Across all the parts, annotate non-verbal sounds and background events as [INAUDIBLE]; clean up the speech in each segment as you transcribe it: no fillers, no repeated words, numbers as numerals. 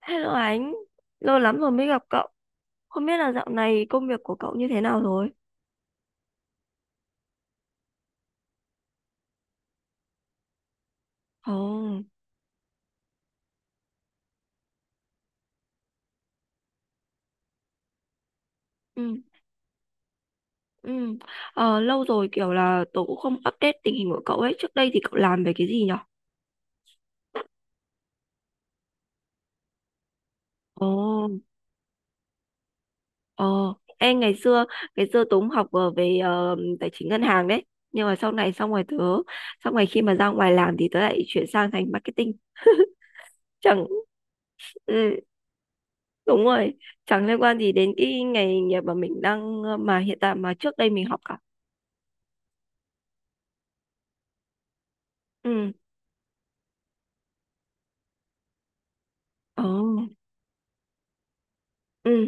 Hello anh, lâu lắm rồi mới gặp cậu. Không biết là dạo này công việc của cậu như thế nào rồi? Ồ, ừ, ừ. Lâu rồi kiểu là tớ cũng không update tình hình của cậu ấy. Trước đây thì cậu làm về cái gì nhở? Ồ, ồ. Em ngày xưa tớ cũng học về tài chính ngân hàng đấy. Nhưng mà sau này xong rồi tớ, xong rồi khi mà ra ngoài làm thì tớ lại chuyển sang thành marketing. Chẳng, ừ, đúng rồi, chẳng liên quan gì đến cái nghề nghiệp mà mình đang, mà hiện tại mà trước đây mình học cả. Ừ. Ồ. Ừ.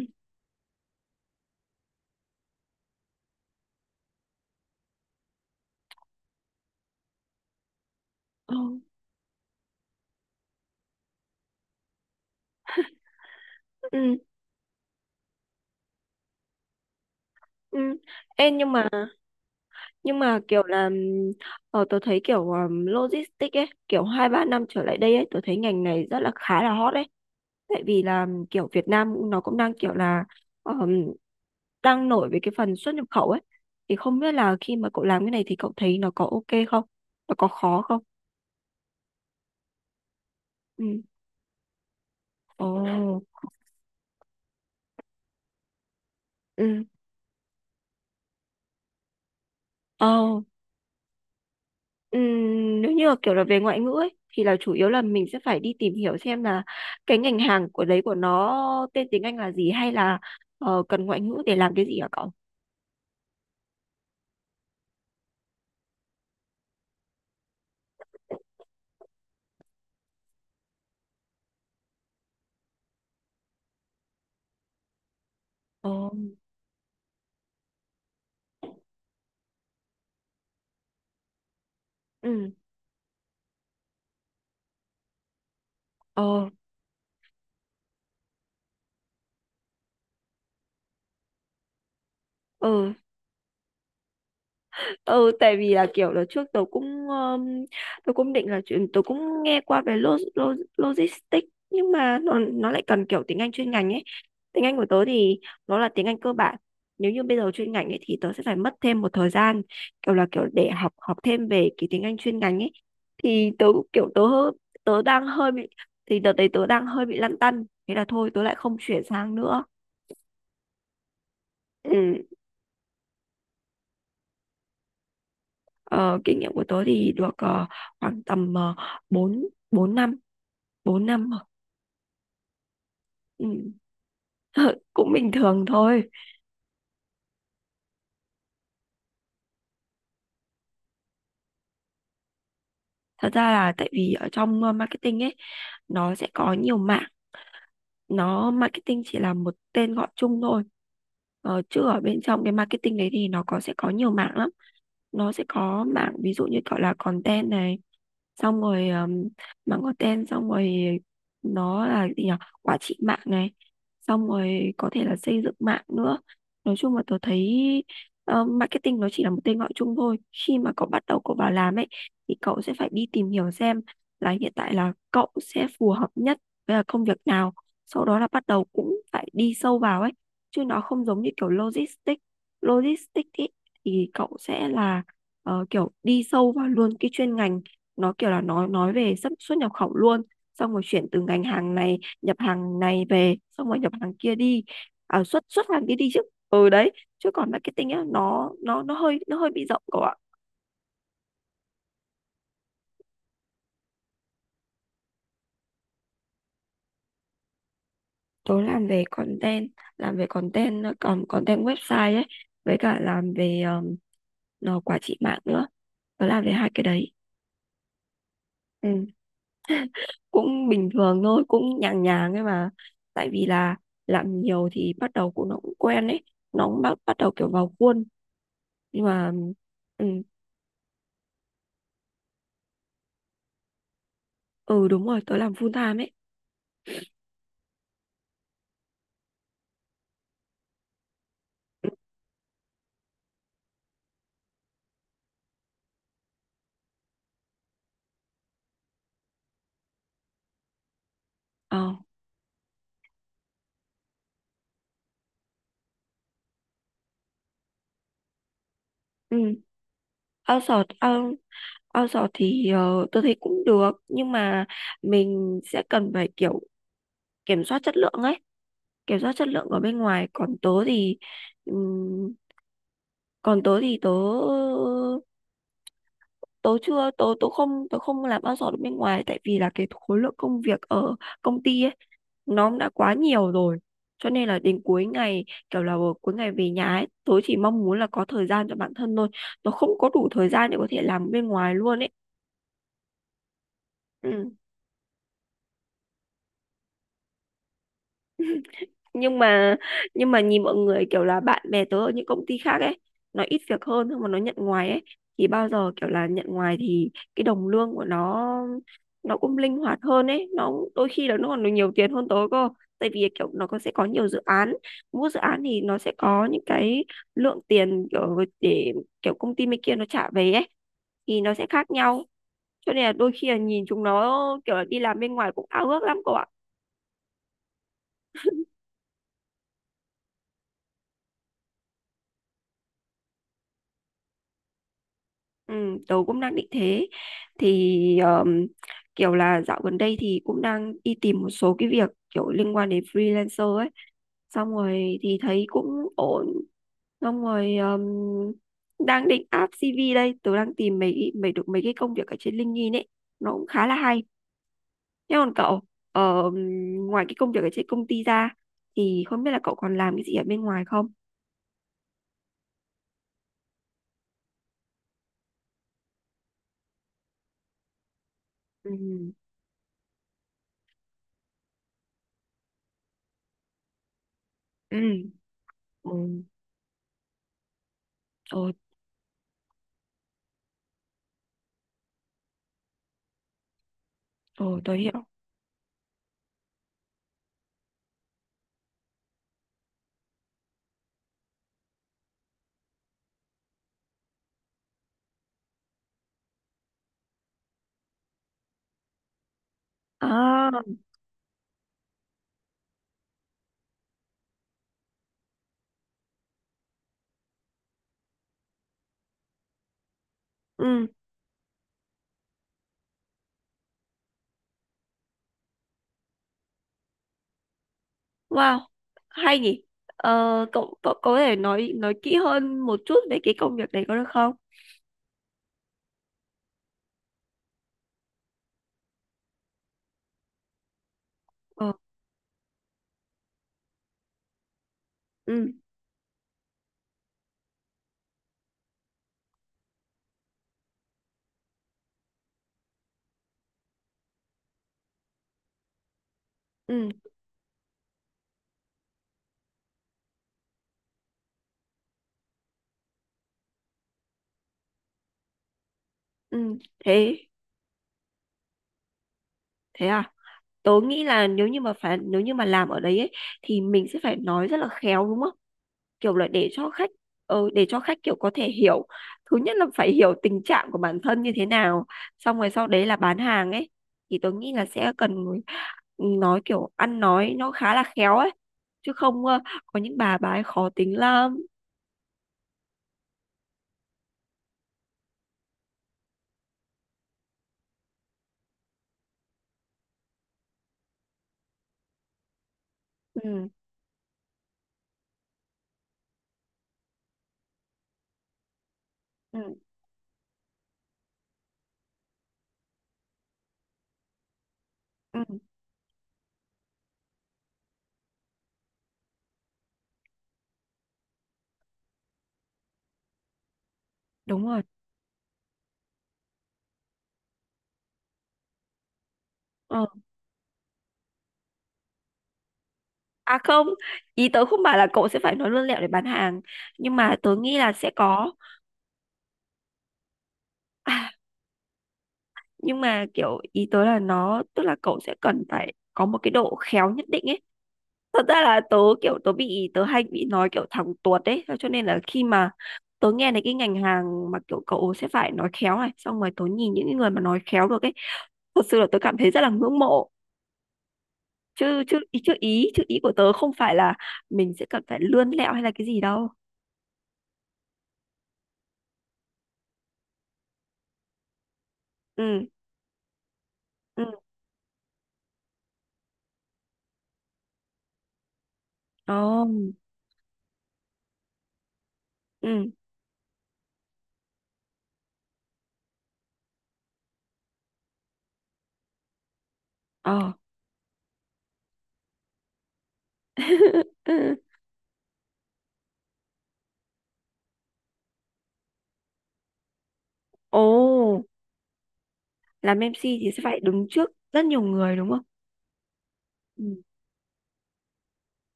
Ờ. Ừ. Ừ. Ê, nhưng mà kiểu là tớ thấy kiểu logistics ấy kiểu hai ba năm trở lại đây ấy tớ thấy ngành này rất là khá là hot ấy, tại vì là kiểu Việt Nam nó cũng đang kiểu là ờm, đang nổi về cái phần xuất nhập khẩu ấy. Thì không biết là khi mà cậu làm cái này thì cậu thấy nó có ok không, nó có khó không? Ừ. Ồ. Ừ. Ồ. Ừm, nếu như là kiểu là về ngoại ngữ ấy, thì là chủ yếu là mình sẽ phải đi tìm hiểu xem là cái ngành hàng của đấy của nó tên tiếng Anh là gì, hay là cần ngoại ngữ để làm cái gì hả cậu? Ồ, Ừ, ờ, ừ. Ừ, tại vì là kiểu là trước tôi cũng định là chuyện tôi cũng nghe qua về lo, lo, logistics, nhưng mà nó lại cần kiểu tiếng Anh chuyên ngành ấy. Tiếng Anh của tớ thì nó là tiếng Anh cơ bản. Nếu như bây giờ chuyên ngành ấy thì tớ sẽ phải mất thêm một thời gian kiểu là kiểu để học học thêm về cái tiếng Anh chuyên ngành ấy. Thì tớ cũng kiểu tớ đang hơi bị, thì đợt đấy tớ đang hơi bị lăn tăn, thế là thôi tớ lại không chuyển sang nữa. Ừ. ờ, kinh nghiệm của tớ thì được khoảng tầm 4 4 năm, 4 năm rồi. Ừ. [LAUGHS] Cũng bình thường thôi. Thật ra là tại vì ở trong marketing ấy nó sẽ có nhiều mảng. Nó marketing chỉ là một tên gọi chung thôi, chứ ở bên trong cái marketing đấy thì nó có sẽ có nhiều mảng lắm. Nó sẽ có mảng ví dụ như gọi là content này, xong rồi mảng content, xong rồi nó là gì nhỉ, quản trị mạng này, xong rồi có thể là xây dựng mạng nữa. Nói chung là tôi thấy marketing nó chỉ là một tên gọi chung thôi. Khi mà cậu bắt đầu cậu vào làm ấy, thì cậu sẽ phải đi tìm hiểu xem là hiện tại là cậu sẽ phù hợp nhất với là công việc nào, sau đó là bắt đầu cũng phải đi sâu vào ấy. Chứ nó không giống như kiểu logistics, logistics ý, thì cậu sẽ là kiểu đi sâu vào luôn cái chuyên ngành, nó kiểu là nói về xuất xuất nhập khẩu luôn, xong rồi chuyển từ ngành hàng này, nhập hàng này về xong rồi nhập hàng kia đi, à, xuất xuất hàng kia đi chứ. Ừ đấy, chứ còn marketing á nó hơi bị rộng cậu ạ. Tớ làm về content, làm về content, còn content website ấy, với cả làm về nó quản trị mạng nữa, tớ làm đến hai cái đấy. Ừ. Cũng bình thường thôi, cũng nhàng nhàng ấy mà. Tại vì là làm nhiều thì bắt đầu cũng nó cũng quen ấy, nó cũng bắt bắt đầu kiểu vào khuôn, nhưng mà ừ, ừ đúng rồi, tớ làm full time ấy. Ờ. Ừ. outsource out- outsource thì tôi thấy cũng được, nhưng mà mình sẽ cần phải kiểu kiểm soát chất lượng ấy, kiểm soát chất lượng ở bên ngoài. Còn tớ thì ừm, còn tớ thì tớ tớ chưa tớ tớ không làm outsource được bên ngoài, tại vì là cái khối lượng công việc ở công ty ấy nó đã quá nhiều rồi, cho nên là đến cuối ngày kiểu là cuối ngày về nhà ấy tớ chỉ mong muốn là có thời gian cho bản thân thôi. Tớ không có đủ thời gian để có thể làm bên ngoài luôn ấy. Ừ. nhưng mà nhưng mà nhìn mọi người kiểu là bạn bè tớ ở những công ty khác ấy, nó ít việc hơn nhưng mà nó nhận ngoài ấy, thì bao giờ kiểu là nhận ngoài thì cái đồng lương của nó cũng linh hoạt hơn ấy, nó đôi khi là nó còn được nhiều tiền hơn tớ cơ. Tại vì kiểu nó có sẽ có nhiều dự án, mỗi dự án thì nó sẽ có những cái lượng tiền kiểu để kiểu công ty bên kia nó trả về ấy thì nó sẽ khác nhau, cho nên là đôi khi là nhìn chúng nó kiểu là đi làm bên ngoài cũng ao ước lắm cô ạ. Ừ, tớ cũng đang định thế. Thì kiểu là dạo gần đây thì cũng đang đi tìm một số cái việc kiểu liên quan đến freelancer ấy, xong rồi thì thấy cũng ổn, xong rồi đang định áp CV đây, tớ đang tìm mấy mấy được mấy cái công việc ở trên LinkedIn ấy, nó cũng khá là hay. Thế còn cậu, ờ, ngoài cái công việc ở trên công ty ra thì không biết là cậu còn làm cái gì ở bên ngoài không? Ừ. Ừ. Ừ. Ừ. Tôi hiểu. À, ừ. Wow, hay nhỉ. Ờ, cậu, cậu có thể nói kỹ hơn một chút về cái công việc đấy có được không? Ờ, ừ, ừ, ừ, thế, thế à? Tớ nghĩ là nếu như mà làm ở đấy ấy, thì mình sẽ phải nói rất là khéo đúng không? Kiểu là để cho khách để cho khách kiểu có thể hiểu, thứ nhất là phải hiểu tình trạng của bản thân như thế nào, xong rồi sau đấy là bán hàng ấy, thì tôi nghĩ là sẽ cần người- nói kiểu ăn nói nó khá là khéo ấy, chứ không có những bà ấy khó tính lắm. Ừ, ừ, ừ, đúng rồi. Ờ. À không, ý tớ không bảo là cậu sẽ phải nói lươn lẹo để bán hàng, nhưng mà tớ nghĩ là sẽ có, à, nhưng mà kiểu ý tớ là nó tức là cậu sẽ cần phải có một cái độ khéo nhất định ấy. Thật ra là tớ kiểu tớ bị tớ hay bị nói kiểu thẳng tuột đấy, cho nên là khi mà tớ nghe thấy cái ngành hàng mà kiểu cậu sẽ phải nói khéo này, xong rồi tớ nhìn những cái người mà nói khéo được ấy, thật sự là tớ cảm thấy rất là ngưỡng mộ. Chứ chứ ý chứ ý chứ ý của tớ không phải là mình sẽ cần phải lươn lẹo hay là cái gì đâu. Ừ. Ừ. Ồ. Ừ. Ờ. [LAUGHS] Ồ, làm MC thì sẽ phải đứng trước rất nhiều người đúng không? Ừ.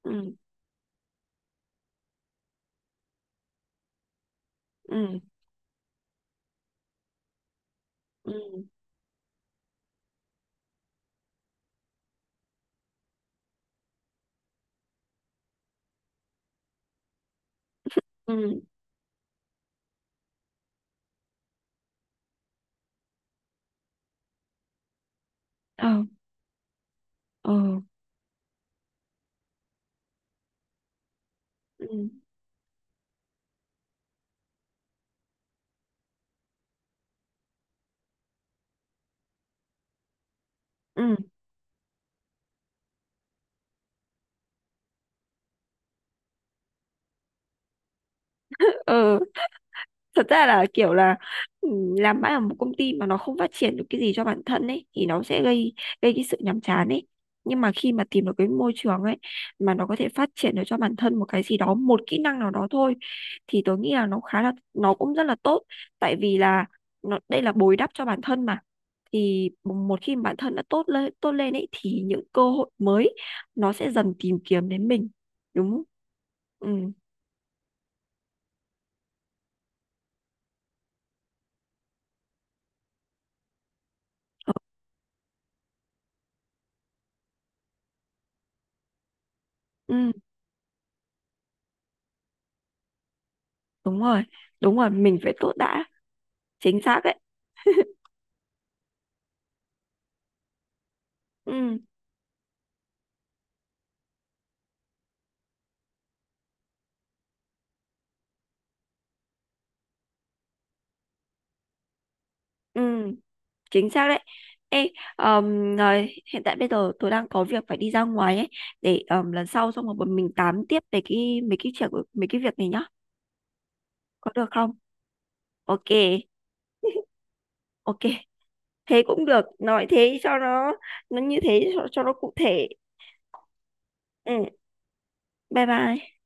Ừ. Ừ. Ừ. Ừ. Ờ. Ờ. Ừ. Ừ. Ừ. Thật ra là kiểu là ừ, làm mãi ở một công ty mà nó không phát triển được cái gì cho bản thân ấy thì nó sẽ gây gây cái sự nhàm chán ấy. Nhưng mà khi mà tìm được cái môi trường ấy mà nó có thể phát triển được cho bản thân một cái gì đó, một kỹ năng nào đó thôi, thì tôi nghĩ là nó khá là nó cũng rất là tốt. Tại vì là nó đây là bồi đắp cho bản thân mà. Thì một khi mà bản thân đã tốt lên ấy thì những cơ hội mới nó sẽ dần tìm kiếm đến mình, đúng không? Ừ. Ừ, đúng rồi, đúng rồi, mình phải tốt đã, chính xác đấy. Ừ. Ừ, chính xác đấy. Ê, rồi, hiện tại bây giờ tôi đang có việc phải đi ra ngoài ấy, để lần sau xong rồi bọn mình tám tiếp về cái mấy cái chuyện mấy cái việc này nhá, có được không? Ok. [LAUGHS] Ok, thế cũng được, nói thế cho nó như thế cho nó cụ thể. Ừ, bye bye.